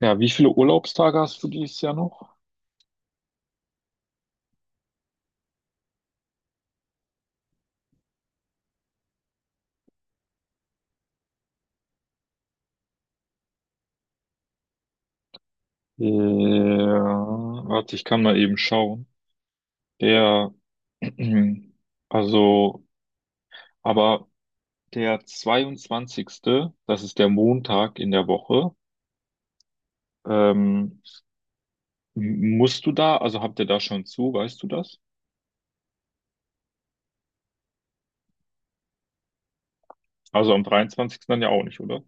Ja, wie viele Urlaubstage hast du dieses Jahr noch? Ja, warte, ich kann mal eben schauen. Der, also, aber der 22., das ist der Montag in der Woche, ähm, musst du da, also habt ihr da schon zu, weißt du das? Also am 23. dann ja auch nicht, oder?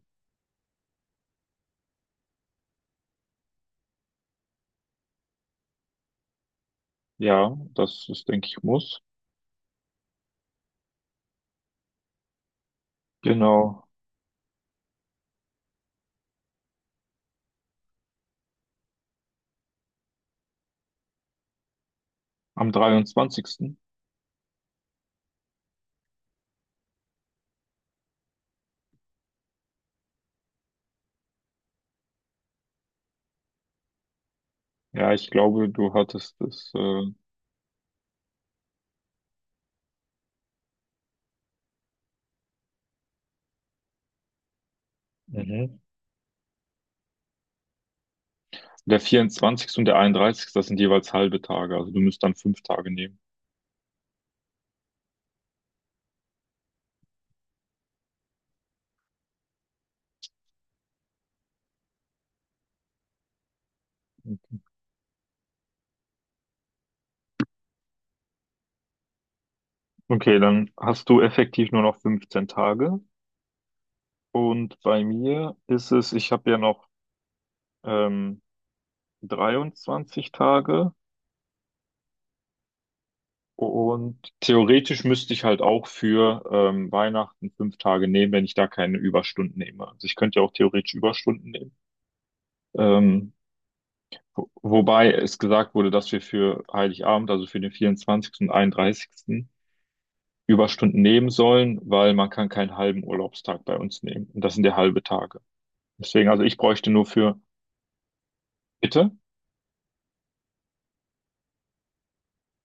Ja, das ist, denke ich, muss. Genau. Am dreiundzwanzigsten. Ja, ich glaube, du hattest das. Mhm. Der 24. und der 31., das sind jeweils halbe Tage. Also du müsst dann 5 Tage nehmen. Okay, okay, dann hast du effektiv nur noch 15 Tage. Und bei mir ist es, ich habe ja noch ähm, 23 Tage. Und theoretisch müsste ich halt auch für Weihnachten 5 Tage nehmen, wenn ich da keine Überstunden nehme. Also ich könnte ja auch theoretisch Überstunden nehmen. Ähm, wobei es gesagt wurde, dass wir für Heiligabend, also für den 24. und 31. Überstunden nehmen sollen, weil man kann keinen halben Urlaubstag bei uns nehmen. Und das sind ja halbe Tage. Deswegen, also ich bräuchte nur für, bitte?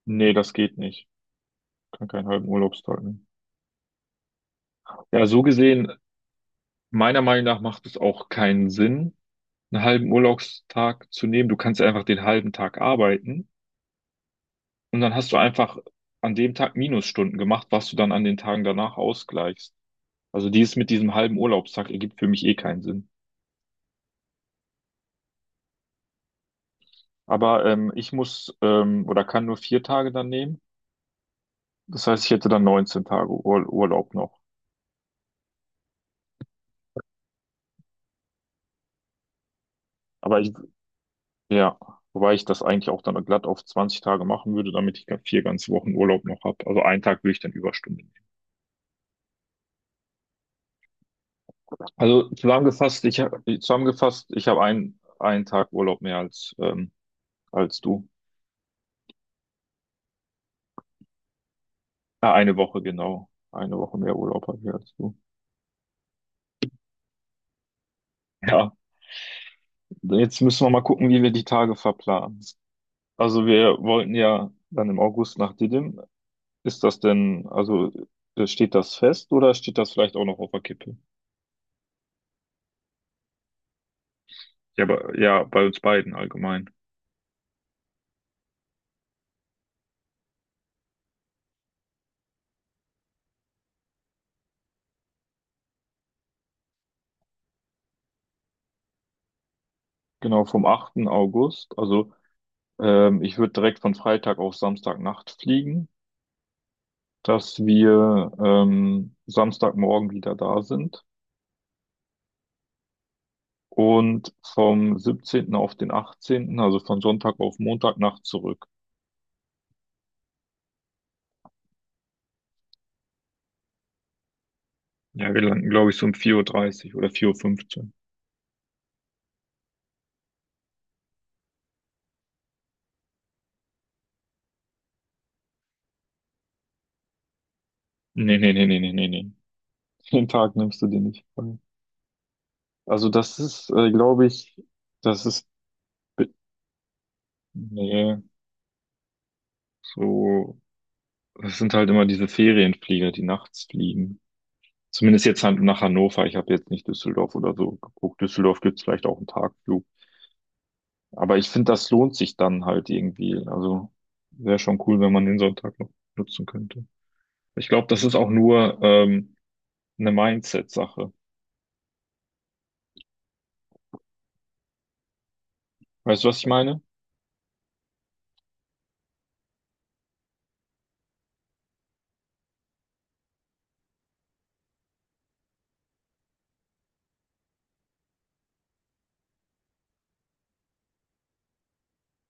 Nee, das geht nicht. Ich kann keinen halben Urlaubstag nehmen. Ja, so gesehen, meiner Meinung nach macht es auch keinen Sinn einen halben Urlaubstag zu nehmen. Du kannst ja einfach den halben Tag arbeiten und dann hast du einfach an dem Tag Minusstunden gemacht, was du dann an den Tagen danach ausgleichst. Also dieses mit diesem halben Urlaubstag ergibt für mich eh keinen Sinn. Aber ich muss oder kann nur 4 Tage dann nehmen. Das heißt, ich hätte dann 19 Tage Ur Urlaub noch. Aber ich, ja, wobei ich das eigentlich auch dann glatt auf 20 Tage machen würde, damit ich 4 ganze Wochen Urlaub noch habe. Also einen Tag würde ich dann Überstunden. Also zusammengefasst, ich habe einen Tag Urlaub mehr als, als du. Eine Woche, genau. Eine Woche mehr Urlaub habe ich als du. Ja, jetzt müssen wir mal gucken, wie wir die Tage verplanen. Also wir wollten ja dann im August nach Didim. Ist das denn, also steht das fest oder steht das vielleicht auch noch auf der Kippe? Ja, bei uns beiden allgemein. Genau, vom 8. August. Also ich würde direkt von Freitag auf Samstagnacht fliegen, dass wir Samstagmorgen wieder da sind und vom 17. auf den 18., also von Sonntag auf Montagnacht zurück. Ja, wir landen, glaube ich, so um 4:30 Uhr dreißig oder 4:15 Uhr, fünfzehn. Nee, nee, nee, nee, nee, nee, nee. Den Tag nimmst du dir nicht frei. Also das ist, glaube ich, das ist, bi- nee, so, das sind halt immer diese Ferienflieger, die nachts fliegen. Zumindest jetzt halt nach Hannover. Ich habe jetzt nicht Düsseldorf oder so geguckt. Düsseldorf gibt's vielleicht auch einen Tagflug. Aber ich finde, das lohnt sich dann halt irgendwie. Also wäre schon cool, wenn man den Sonntag noch nutzen könnte. Ich glaube, das ist auch nur eine Mindset-Sache. Weißt du, was ich meine?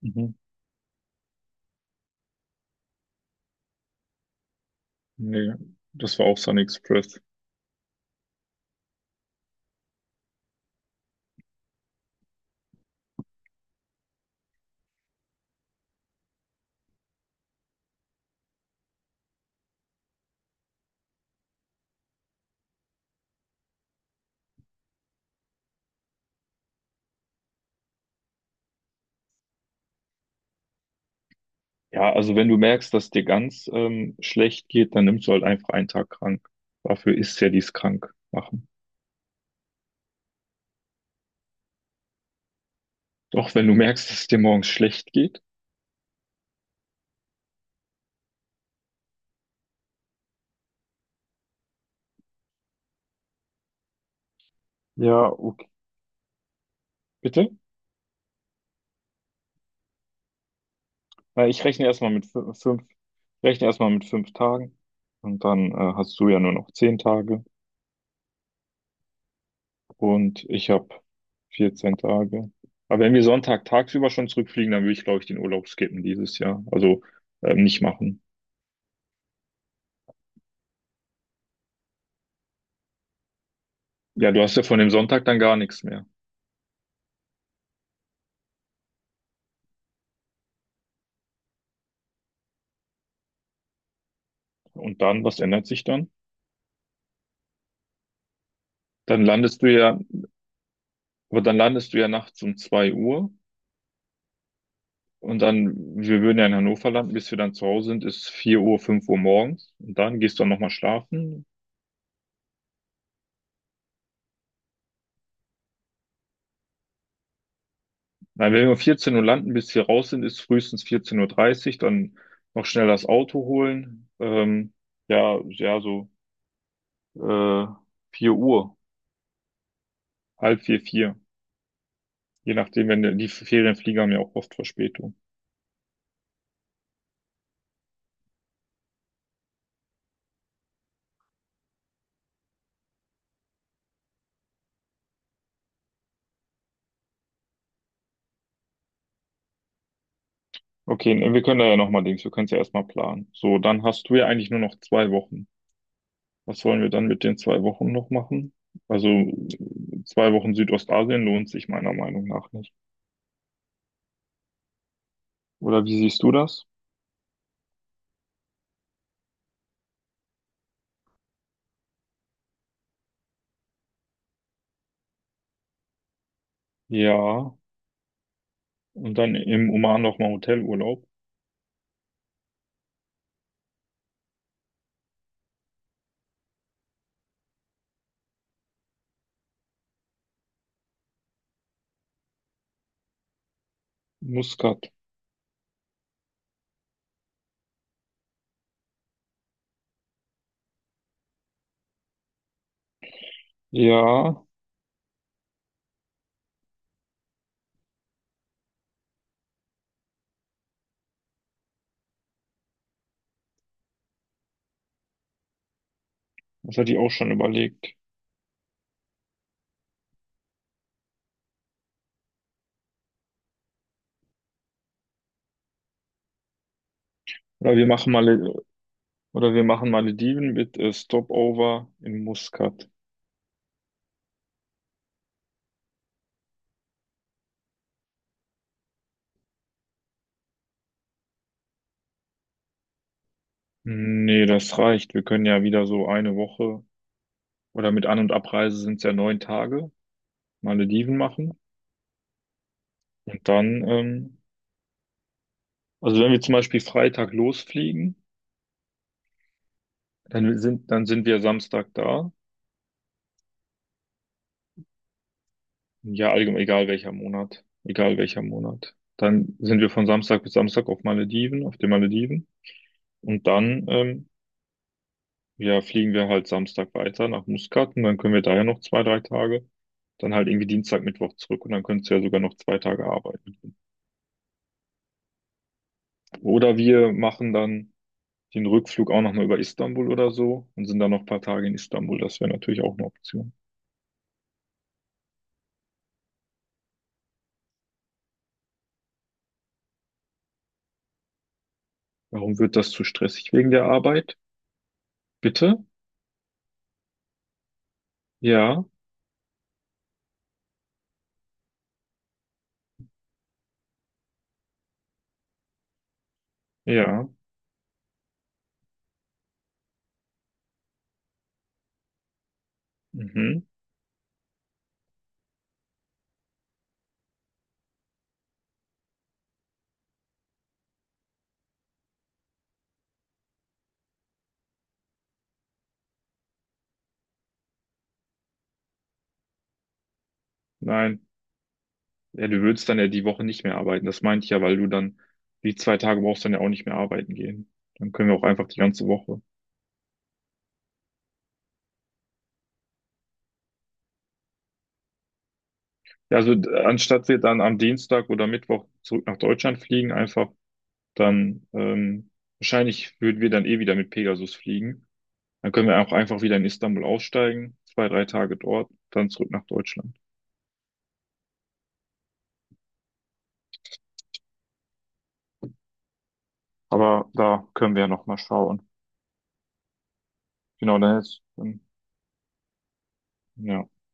Mhm. Nee, das war auch Sunny Express. Ja, also wenn du merkst, dass dir ganz schlecht geht, dann nimmst du halt einfach einen Tag krank. Dafür ist ja dies krank machen. Doch wenn du merkst, dass es dir morgens schlecht geht. Ja, okay. Bitte? Weil ich rechne erstmal mit 5 Tagen und dann hast du ja nur noch 10 Tage und ich habe 14 Tage. Aber wenn wir Sonntag tagsüber schon zurückfliegen, dann würde ich, glaube ich, den Urlaub skippen dieses Jahr. Also nicht machen. Ja, du hast ja von dem Sonntag dann gar nichts mehr. Und dann, was ändert sich dann? Dann landest du ja, aber dann landest du ja nachts um 2 Uhr und dann, wir würden ja in Hannover landen, bis wir dann zu Hause sind, ist 4 Uhr, 5 Uhr morgens und dann gehst du dann nochmal schlafen. Nein, wenn wir um 14 Uhr landen, bis wir raus sind, ist frühestens 14 Uhr, dreißig, dann noch schnell das Auto holen. Ja, ja, so äh, 4 Uhr, halb vier, vier. Je nachdem, wenn die Ferienflieger haben ja auch oft Verspätung. Okay, ne, wir können da ja nochmal links, wir können es ja erstmal planen. So, dann hast du ja eigentlich nur noch 2 Wochen. Was wollen wir dann mit den 2 Wochen noch machen? Also 2 Wochen Südostasien lohnt sich meiner Meinung nach nicht. Oder wie siehst du das? Ja, und dann im Oman nochmal Hotelurlaub. Muscat. Ja, das hatte ich auch schon überlegt. Oder wir machen mal, oder wir machen Malediven mit Stopover in Muscat. Nee, das reicht. Wir können ja wieder so eine Woche oder mit An- und Abreise sind es ja 9 Tage Malediven machen. Und dann, also wenn wir zum Beispiel Freitag losfliegen, dann sind wir Samstag da. Ja, allgemein, egal welcher Monat. Egal welcher Monat. Dann sind wir von Samstag bis Samstag auf Malediven, auf den Malediven. Und dann, ja, fliegen wir halt Samstag weiter nach Muscat und dann können wir da ja noch 2, 3 Tage. Dann halt irgendwie Dienstag, Mittwoch zurück und dann könntest du ja sogar noch 2 Tage arbeiten. Oder wir machen dann den Rückflug auch nochmal über Istanbul oder so und sind dann noch ein paar Tage in Istanbul. Das wäre natürlich auch eine Option. Warum wird das zu stressig? Wegen der Arbeit? Bitte? Ja, ja, mhm, nein. Ja, du würdest dann ja die Woche nicht mehr arbeiten. Das meinte ich ja, weil du dann die 2 Tage brauchst dann ja auch nicht mehr arbeiten gehen. Dann können wir auch einfach die ganze Woche. Ja, also anstatt sie dann am Dienstag oder Mittwoch zurück nach Deutschland fliegen, einfach dann, wahrscheinlich würden wir dann eh wieder mit Pegasus fliegen. Dann können wir auch einfach wieder in Istanbul aussteigen, 2, 3 Tage dort, dann zurück nach Deutschland. Aber da können wir ja noch mal schauen. Genau, dann ist, ja.